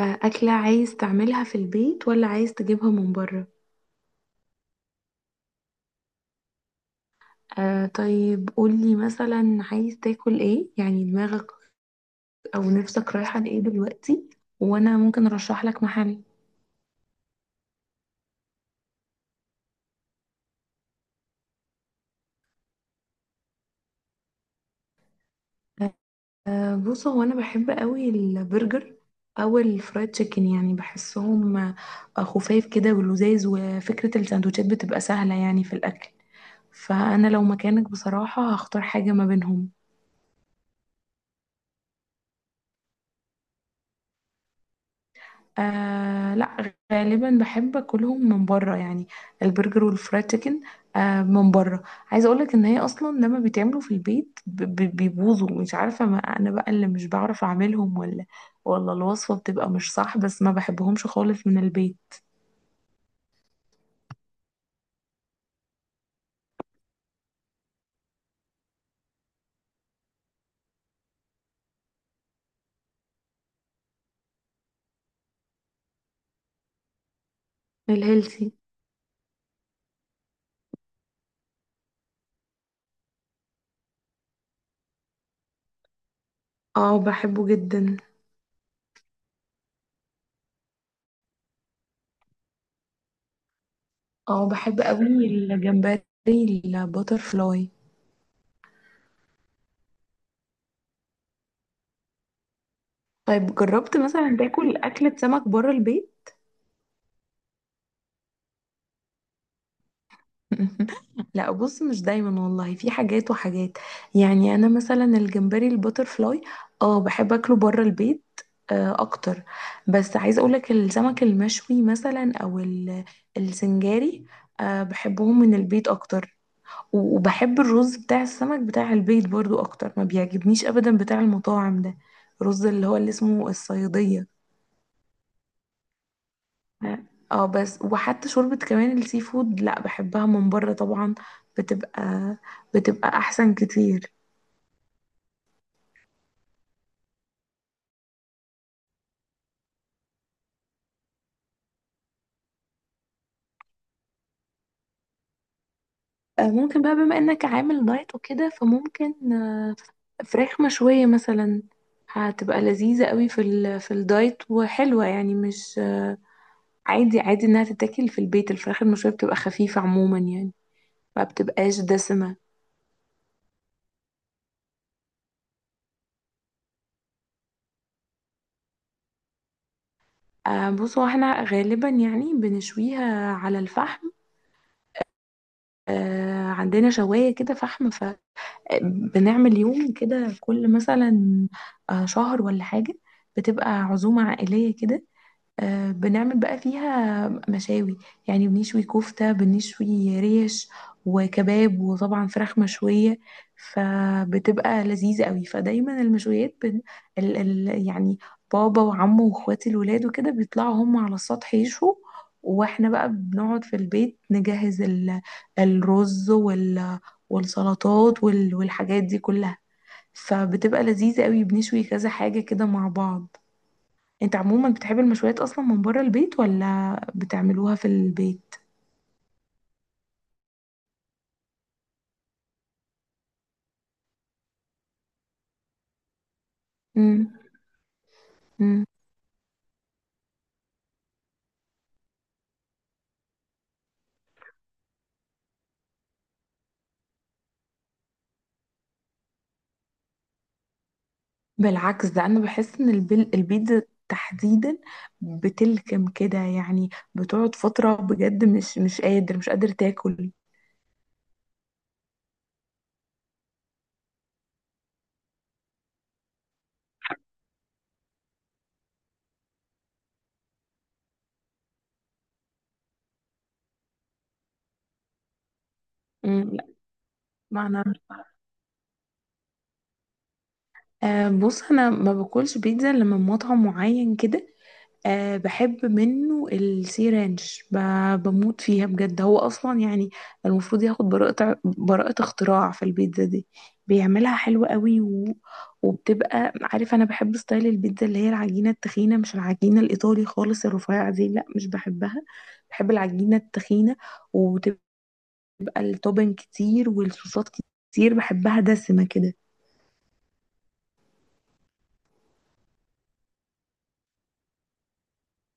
آه، أكلة عايز تعملها في البيت ولا عايز تجيبها من بره؟ آه، طيب قولي مثلا عايز تاكل ايه، يعني دماغك أو نفسك رايحة لإيه دلوقتي، وأنا ممكن أرشح لك محل. آه، بص، هو أنا بحب قوي البرجر أو الفرايد تشيكن، يعني بحسهم خفاف كده ولذاذ، وفكرة السندوتشات بتبقى سهلة يعني في الأكل، فأنا لو مكانك بصراحة هختار حاجة ما بينهم. آه، لا غالبا بحب اكلهم من بره، يعني البرجر والفرايد تشيكن، آه من بره. عايزه اقولك ان هي اصلا لما بيتعملوا في البيت بيبوظوا. مش عارفه ما انا بقى اللي مش بعرف اعملهم ولا الوصفه بتبقى مش صح، بس ما بحبهمش خالص من البيت. الهيلثي. اه، بحبه جدا. اه، بحب قوي الجمبري الباتر فلاي. طيب، جربت مثلا تاكل اكلة سمك بره البيت؟ لا، بص، مش دايما والله، في حاجات وحاجات. يعني انا مثلا الجمبري الباترفلاي اه بحب اكله بره البيت اكتر. بس عايزه اقولك السمك المشوي مثلا او السنجاري، بحبهم من البيت اكتر. وبحب الرز بتاع السمك بتاع البيت برضو اكتر، ما بيعجبنيش ابدا بتاع المطاعم ده، الرز اللي هو اللي اسمه الصيادية. اه، بس وحتى شوربة كمان السي فود، لا بحبها من بره طبعا، بتبقى بتبقى احسن كتير. آه، ممكن بقى بما انك عامل دايت وكده فممكن فراخ مشوية مثلا. هتبقى لذيذة قوي في الدايت وحلوة، يعني مش عادي عادي انها تتاكل في البيت. الفراخ المشوية بتبقى خفيفة عموما يعني، ما بتبقاش دسمة. بصوا، احنا غالبا يعني بنشويها على الفحم. عندنا شواية كده فحم. بنعمل يوم كده كل مثلا شهر ولا حاجة، بتبقى عزومة عائلية كده. بنعمل بقى فيها مشاوي، يعني بنشوي كفتة، بنشوي ريش وكباب وطبعا فراخ مشوية. فبتبقى لذيذة قوي، فدايما المشويات يعني بابا وعمه واخواتي الولاد وكده بيطلعوا هم على السطح يشوا. واحنا بقى بنقعد في البيت نجهز الرز والسلطات والحاجات دي كلها. فبتبقى لذيذة قوي، بنشوي كذا حاجة كده مع بعض. انت عموما بتحب المشويات اصلا من بره البيت، ولا بتعملوها في البيت؟ امم. امم. بالعكس، ده انا بحس ان البيتزا تحديدا بتلكم كده، يعني بتقعد فترة بجد مش قادر مش قادر تاكل. مم، لا. ما انا، بص انا ما باكلش بيتزا الا من مطعم معين كده. أه، بحب منه السي رانش، بموت فيها بجد. هو اصلا يعني المفروض ياخد براءة براءة اختراع في البيتزا دي. بيعملها حلوة قوي، وبتبقى، عارف، انا بحب ستايل البيتزا اللي هي العجينة التخينة، مش العجينة الايطالي خالص الرفيعة دي، لا مش بحبها. بحب العجينة التخينة، وتبقى التوبن كتير والصوصات كتير، بحبها دسمة كده.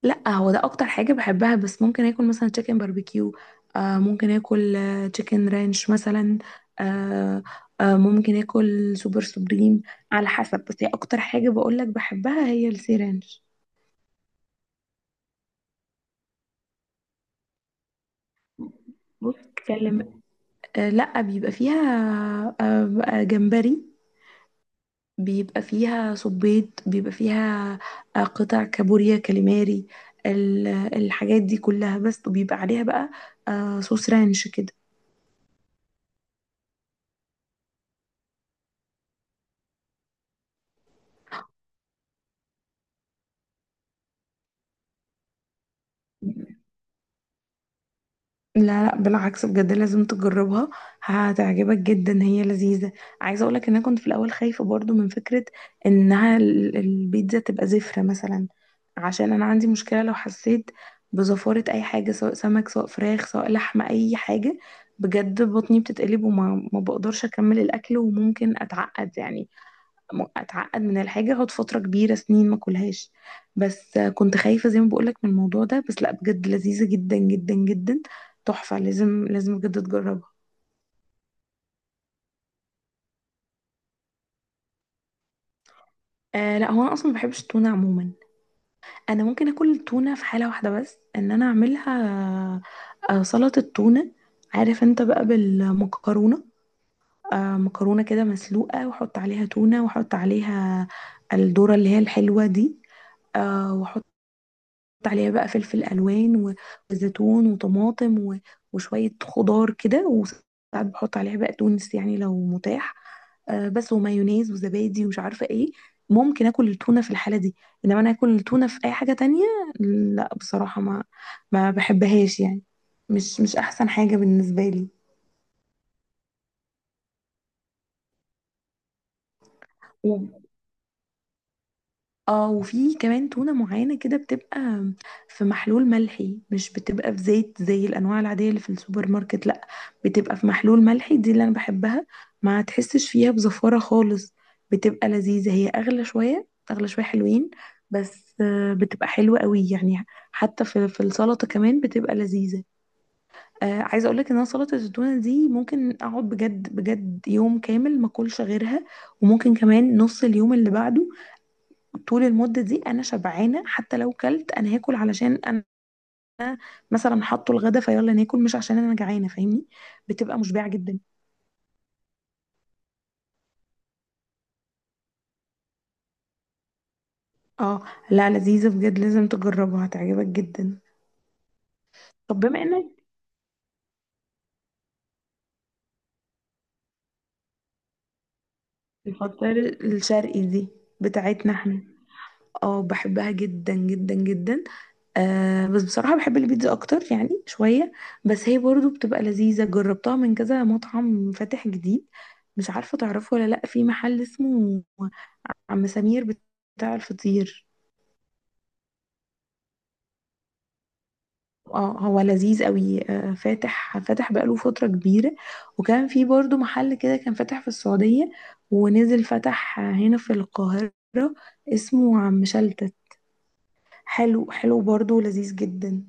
لا، هو ده اكتر حاجه بحبها، بس ممكن اكل مثلا تشيكن باربيكيو، ممكن اكل تشيكن رانش مثلا، آه ممكن اكل سوبر سوبريم، على حسب، بس هي اكتر حاجه بقولك بحبها هي السي رانش. بص، تكلم. لا بيبقى فيها بقى جمبري، بيبقى فيها صبيط، بيبقى فيها قطع كابوريا، كاليماري، الحاجات دي كلها، بس وبيبقى عليها بقى صوص رانش كده. لا، لا، بالعكس، بجد لازم تجربها، هتعجبك جدا، هي لذيذة. عايزة اقولك ان انا كنت في الاول خايفة برضو من فكرة انها البيتزا تبقى زفرة مثلا. عشان انا عندي مشكلة لو حسيت بزفارة اي حاجة، سواء سمك سواء فراخ سواء لحمة اي حاجة، بجد بطني بتتقلب، وما ما بقدرش اكمل الاكل، وممكن اتعقد يعني. اتعقد من الحاجه، اقعد فتره كبيره سنين ما اكلهاش. بس كنت خايفه زي ما بقولك من الموضوع ده، بس لا بجد لذيذه جدا جدا جدا، تحفه، لازم لازم بجد تجربها. آه، لا هو انا اصلا ما بحبش التونه عموما. انا ممكن اكل التونه في حاله واحده بس ان انا اعملها، سلطه تونه. عارف انت بقى بالمكرونه، مكرونه كده مسلوقه، واحط عليها تونه، واحط عليها الذره اللي هي الحلوه دي، واحط عليها بقى فلفل الوان، وزيتون وطماطم، وشويه خضار كده، وساعات بحط عليها بقى تونس يعني لو متاح، بس ومايونيز وزبادي ومش عارفه ايه. ممكن اكل التونه في الحاله دي. انما انا اكل التونه في اي حاجه تانية، لا بصراحه ما بحبهاش يعني، مش احسن حاجه بالنسبه لي. اه، وفي كمان تونة معينة كده بتبقى في محلول ملحي، مش بتبقى في زيت زي الأنواع العادية اللي في السوبر ماركت، لأ بتبقى في محلول ملحي، دي اللي أنا بحبها. ما تحسش فيها بزفارة خالص، بتبقى لذيذة، هي أغلى شوية أغلى شوية حلوين، بس بتبقى حلوة قوي يعني. حتى في السلطة كمان بتبقى لذيذة. آه، عايزة أقولك إن أنا سلطة التونة دي ممكن أقعد بجد بجد يوم كامل ما أكلش غيرها. وممكن كمان نص اليوم اللي بعده، طول المدة دي أنا شبعانة، حتى لو كلت أنا هاكل علشان أنا مثلا حاطه الغدا فيلا ناكل، مش عشان أنا جعانة، فاهمني. بتبقى مشبعة جدا. اه، لا لذيذة بجد، لازم تجربها هتعجبك جدا. طب بما انك. الفطاير الشرقي دي بتاعتنا احنا. اه، بحبها جدا جدا جدا. بس بصراحة بحب البيتزا أكتر يعني شوية. بس هي برضو بتبقى لذيذة، جربتها من كذا مطعم فاتح جديد، مش عارفة تعرفه ولا لأ، في محل اسمه عم سمير بتاع الفطير. اه، هو لذيذ قوي، فاتح فاتح بقاله فترة كبيرة. وكان في برضو محل كده كان فاتح في السعودية، ونزل فتح هنا في القاهرة، اسمه عم شلتت، حلو حلو برضو، لذيذ جدا.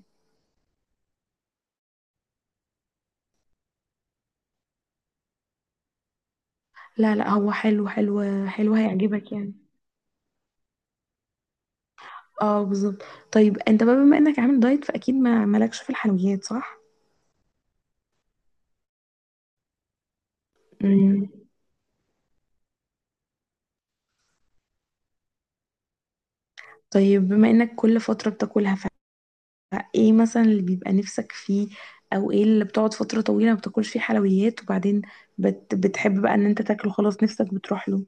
لا، لا، هو حلو حلو حلو، هيعجبك يعني. اه، بالظبط. طيب انت بقى بما انك عامل دايت فاكيد ما مالكش في الحلويات، صح؟ مم. طيب بما انك كل فترة بتاكلها، ايه مثلا اللي بيبقى نفسك فيه، او ايه اللي بتقعد فترة طويلة ما بتاكلش فيه حلويات وبعدين بتحب بقى ان انت تاكله، خلاص نفسك بتروح له؟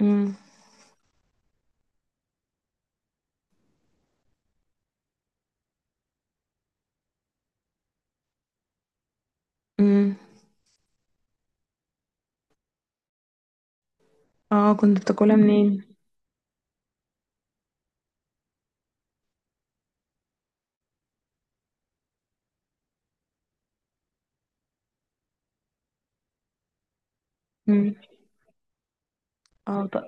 امم. امم. اه، كنت بتاكلها منين؟ امم. اه، طب.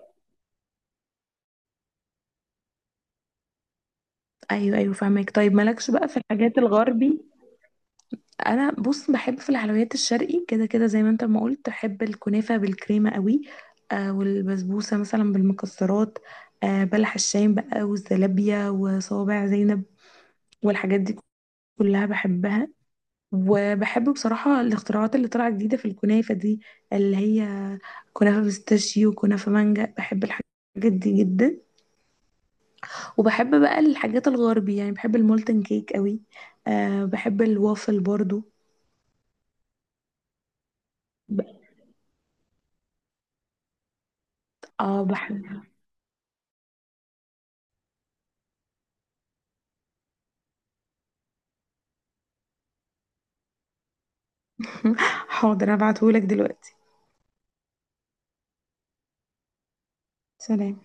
ايوه، ايوه، فاهمك. طيب مالكش بقى في الحاجات الغربي؟ انا بص بحب في الحلويات الشرقي كده كده، زي ما انت ما قلت، بحب الكنافة بالكريمة قوي. والبسبوسة مثلا بالمكسرات، بلح الشام بقى، والزلابية وصوابع زينب والحاجات دي كلها بحبها. وبحب بصراحة الاختراعات اللي طالعة جديدة في الكنافة دي، اللي هي كنافة بيستاشيو وكنافة مانجا، بحب الحاجات دي جدا. وبحب بقى الحاجات الغربي، يعني بحب المولتن كيك قوي. أه، بحب الوافل برضو. ب- اه، بحب. حاضر، هبعتهولك دلوقتي. سلام.